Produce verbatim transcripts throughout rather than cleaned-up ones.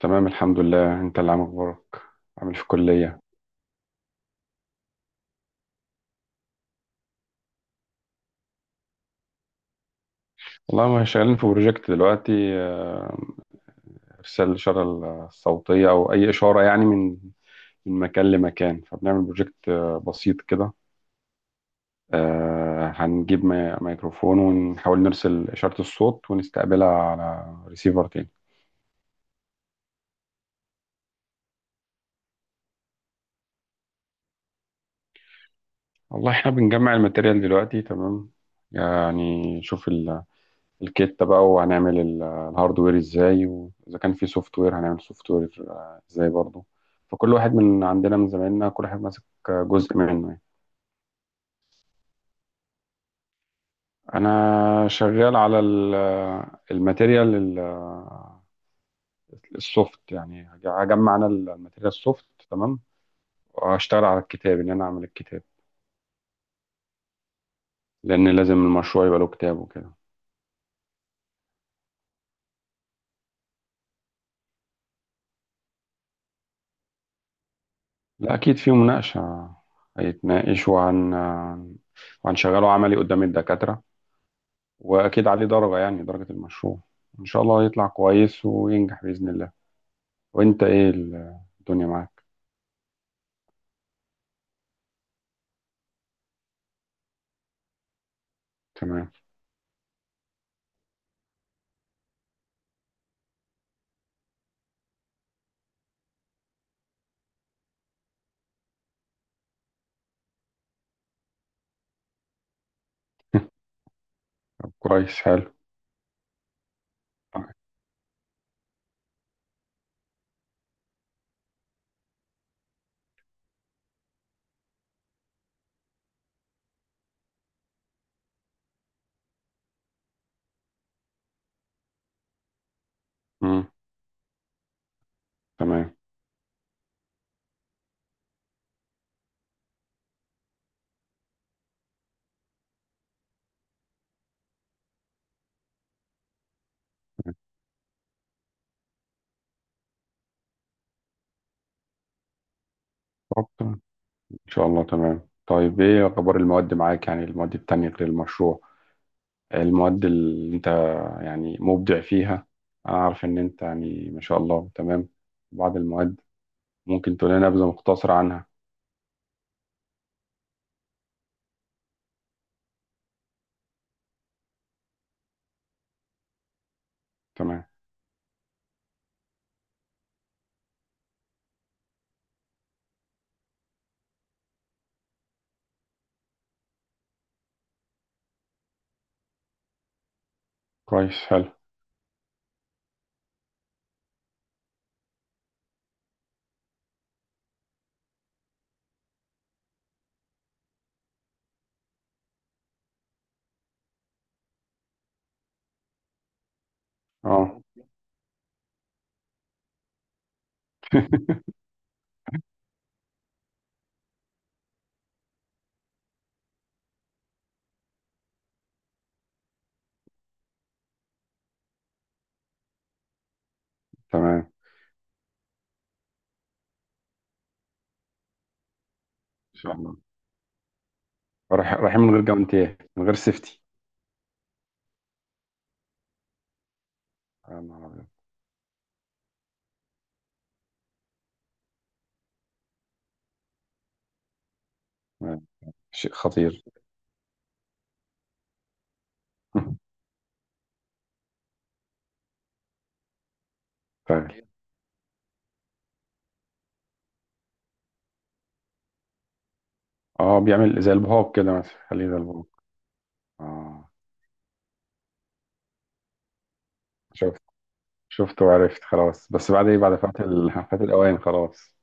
تمام، الحمد لله. انت اللي عامل اخبارك؟ عامل إيه في الكلية؟ والله ما شغالين في بروجكت دلوقتي. آه، ارسال الاشارة الصوتية او اي اشارة يعني من من مكان لمكان، فبنعمل بروجكت آه، بسيط كده. آه، هنجيب مي- ميكروفون ونحاول نرسل اشارة الصوت ونستقبلها على ريسيفر تاني. والله احنا بنجمع الماتيريال دلوقتي. تمام، يعني شوف الكتة بقى، وهنعمل ال- الهاردوير ازاي، واذا كان في سوفت وير هنعمل سوفت وير آه، ازاي برضه. فكل واحد من عندنا من زمايلنا كل واحد ماسك آه، جزء منه يعني. انا شغال على ال- آه، الماتيريال ال- آه، السوفت، يعني هج- هجمع انا الماتيريال السوفت. تمام، واشتغل على الكتاب ان انا اعمل الكتاب، لان لازم المشروع يبقى له كتاب وكده. لا، اكيد في مناقشة. هيتناقشوا عن آه، وهنشغله عملي قدام الدكاترة. واكيد عليه درجة، يعني درجة المشروع. ان شاء الله يطلع كويس وينجح بإذن الله. وانت ايه ال- الدنيا معاك؟ تمام. طب كويس، حلو. امم، تمام. طب ان شاء الله. تمام، طيب ايه اخبار المواد معاك؟ يعني المواد التانية غير المشروع، المواد اللي انت يعني مبدع فيها. انا عارف ان انت يعني ما شاء الله، تمام. بعض المواد ممكن تقول لنا نبذة مختصرة عنها. تمام، كويس، حلو. اه. تمام ان شاء الله. رايح رايحين من غير جوانتيه، من غير سيفتي؟ يا نهار أبيض. آه، شيء خطير. طيب. اه، بيعمل زي البهوك كده مثلا، خليه زي البهوك. اه. شفت، شفت وعرفت خلاص، بس بعد ايه، بعد فات ال... فات الاوان خلاص.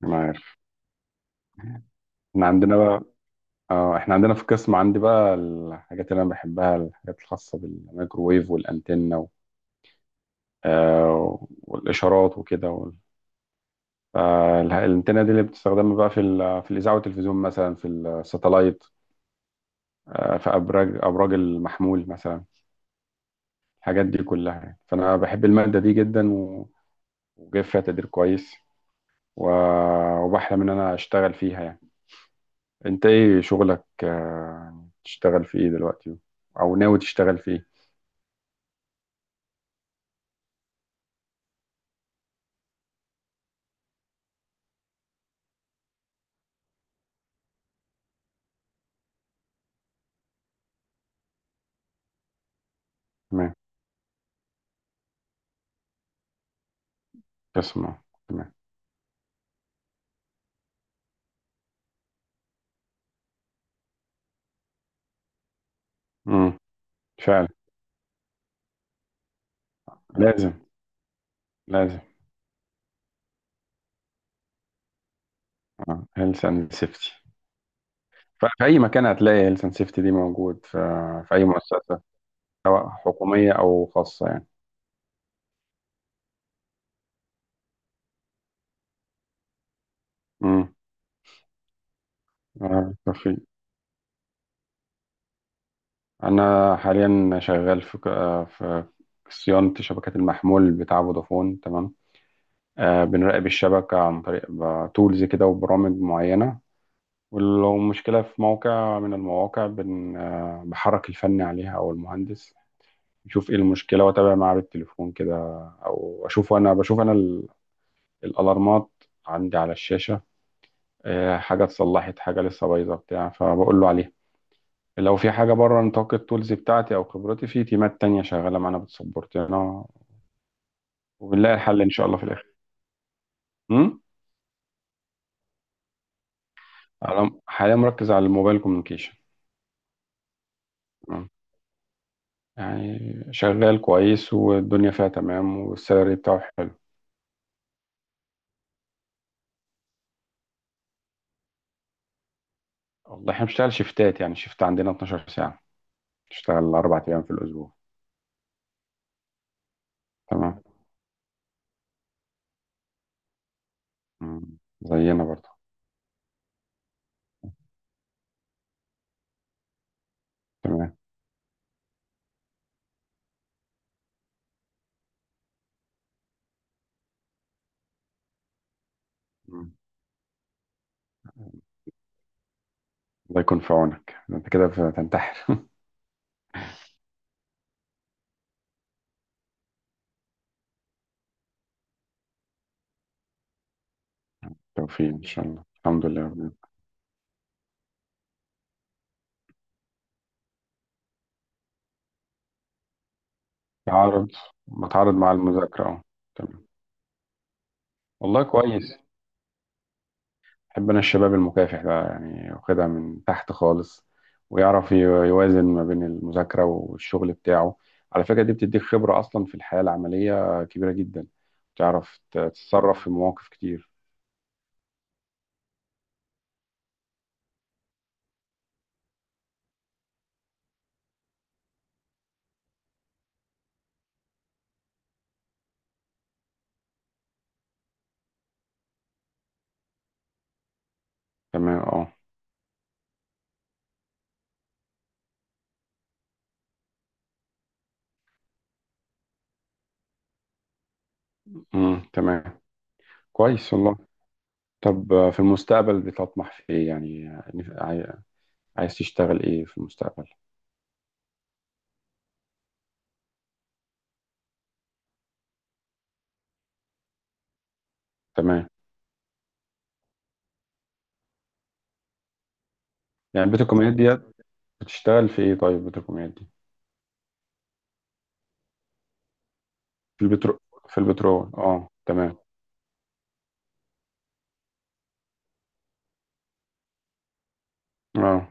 ما عارف. احنا عندنا بقى، اه احنا عندنا في القسم عندي بقى الحاجات اللي انا بحبها، الحاجات الخاصه بالميكروويف والانتنه و... آه والاشارات وكده وال... آه الانتنه دي اللي بتستخدم بقى في ال... في الاذاعه والتلفزيون مثلا، في الساتلايت، آه، في أبراج أبراج المحمول مثلا، الحاجات دي كلها يعني. فأنا بحب المادة دي جدا و- وجايب فيها تقدير كويس، و- وبحلم إن أنا أشتغل فيها يعني. أنت إيه شغلك؟ آه، يعني تشتغل في إيه دلوقتي، أو ناوي تشتغل في إيه؟ تمام. تسمع. تمام. مم. فعلا. لازم، لازم. اه، هيلث اند سيفتي. في أي مكان هتلاقي هيلث اند سيفتي دي موجود في، في أي مؤسسة، سواء حكومية أو خاصة يعني. امم. آه، توفيق، أنا حاليا شغال في ك- آه، في صيانة شبكات المحمول بتاع فودافون. تمام. آه، بنراقب الشبكة عن طريق تولز كده وبرامج معينة، ولو مشكلة في موقع من المواقع بن آه، بحرك الفني عليها أو المهندس يشوف إيه المشكلة، وأتابع معاه بالتليفون كده. أو أشوف أنا، بشوف أنا ال- الألارمات عندي على الشاشة. آه، حاجة اتصلحت، حاجة لسه بايظة بتاع، فبقول له عليها. لو في حاجة بره نطاق التولز بتاعتي أو خبرتي، في تيمات تانية شغالة معانا بتسبورت، يعني أنا وبنلاقي الحل إن شاء الله في الآخر. أمم؟ أنا حاليا مركز على الموبايل كوميونيكيشن. تمام. يعني شغال كويس، والدنيا فيها تمام، والسالري بتاعه حلو. والله احنا بنشتغل شيفتات، يعني شيفت عندنا اتناشر ساعة، نشتغل أربع أيام في الأسبوع. تمام. أمم. زينا برضه. تمام. أمم. الله يكون في عونك، أنت كده بتنتحر. توفيق إن شاء الله، الحمد لله يا رب. تعارض. بتعارض مع المذاكرة أهو. تمام. والله كويس، بحب انا الشباب المكافح ده يعني، واخدها من تحت خالص، ويعرف ي- يوازن ما بين المذاكرة والشغل بتاعه. على فكرة دي بتديك خبرة اصلا في الحياة العملية كبيرة جدا، تعرف تتصرف في مواقف كتير. تمام، اه. امم، تمام. كويس والله. طب آه، في المستقبل بتطمح في ايه يعني، آه، عاي- عايز تشتغل ايه في المستقبل؟ تمام. يعني بتركمانيات ديت، بتشتغل في ايه طيب بتركمانيات دي؟ في البترو، في البترول، اه تمام. اه،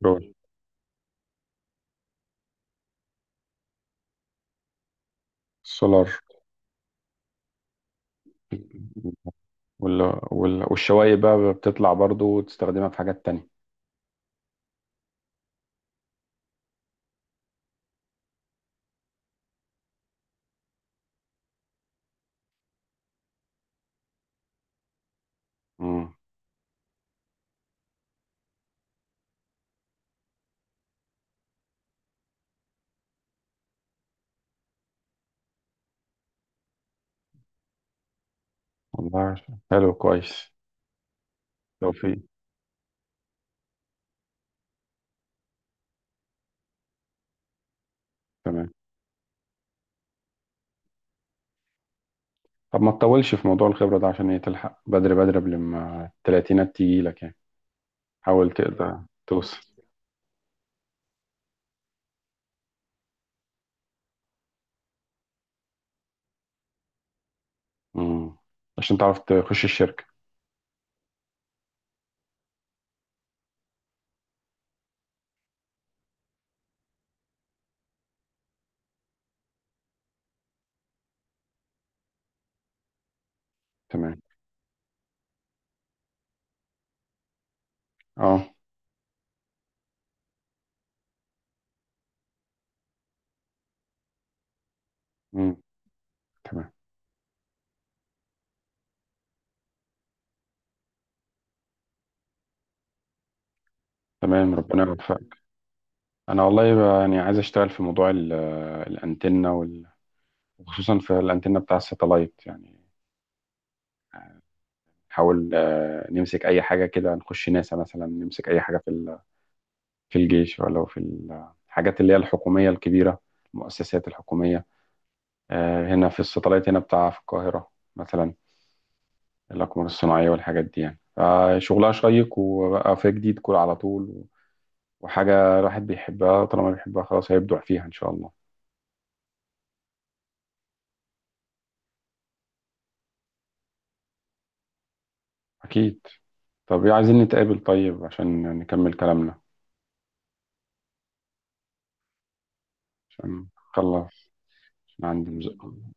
بترول. السولار وال... وال... والشوايب بقى بتطلع برضو، وتستخدمها في حاجات تانية. مم. والله حلو، كويس. توفيق. تمام. طب ما تطولش في موضوع الخبرة ده، عشان ايه تلحق بدري بدري قبل ما التلاتينات تيجي لك يعني. حاول تقدر توصل. مم. عشان تعرف تخش الشركة. تمام، اه. مم. تمام. تمام، ربنا يوفقك. انا والله بقى يعني عايز اشتغل في موضوع ال- الانتنة وال... وخصوصا في الانتنة بتاع الساتلايت يعني. نحاول آه، نمسك اي حاجه كده، نخش ناسا مثلا، نمسك اي حاجه في ال- في الجيش ولا في ال- الحاجات اللي هي الحكوميه الكبيره، المؤسسات الحكوميه، آه، هنا في الساتلايت هنا بتاع، في القاهره مثلا، الاقمار الصناعيه والحاجات دي يعني. فشغلها شيق، وبقى في جديد كل على طول، وحاجه الواحد بيحبها، طالما بيحبها خلاص هيبدع فيها ان شاء الله. اكيد. طب إيه، عايزين نتقابل طيب عشان نكمل كلامنا. عشان خلص. عشان عندي مز...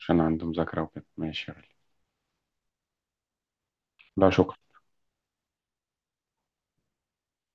عشان عندي مذاكرة وكده. ماشي يا غالي. لا، شكرا.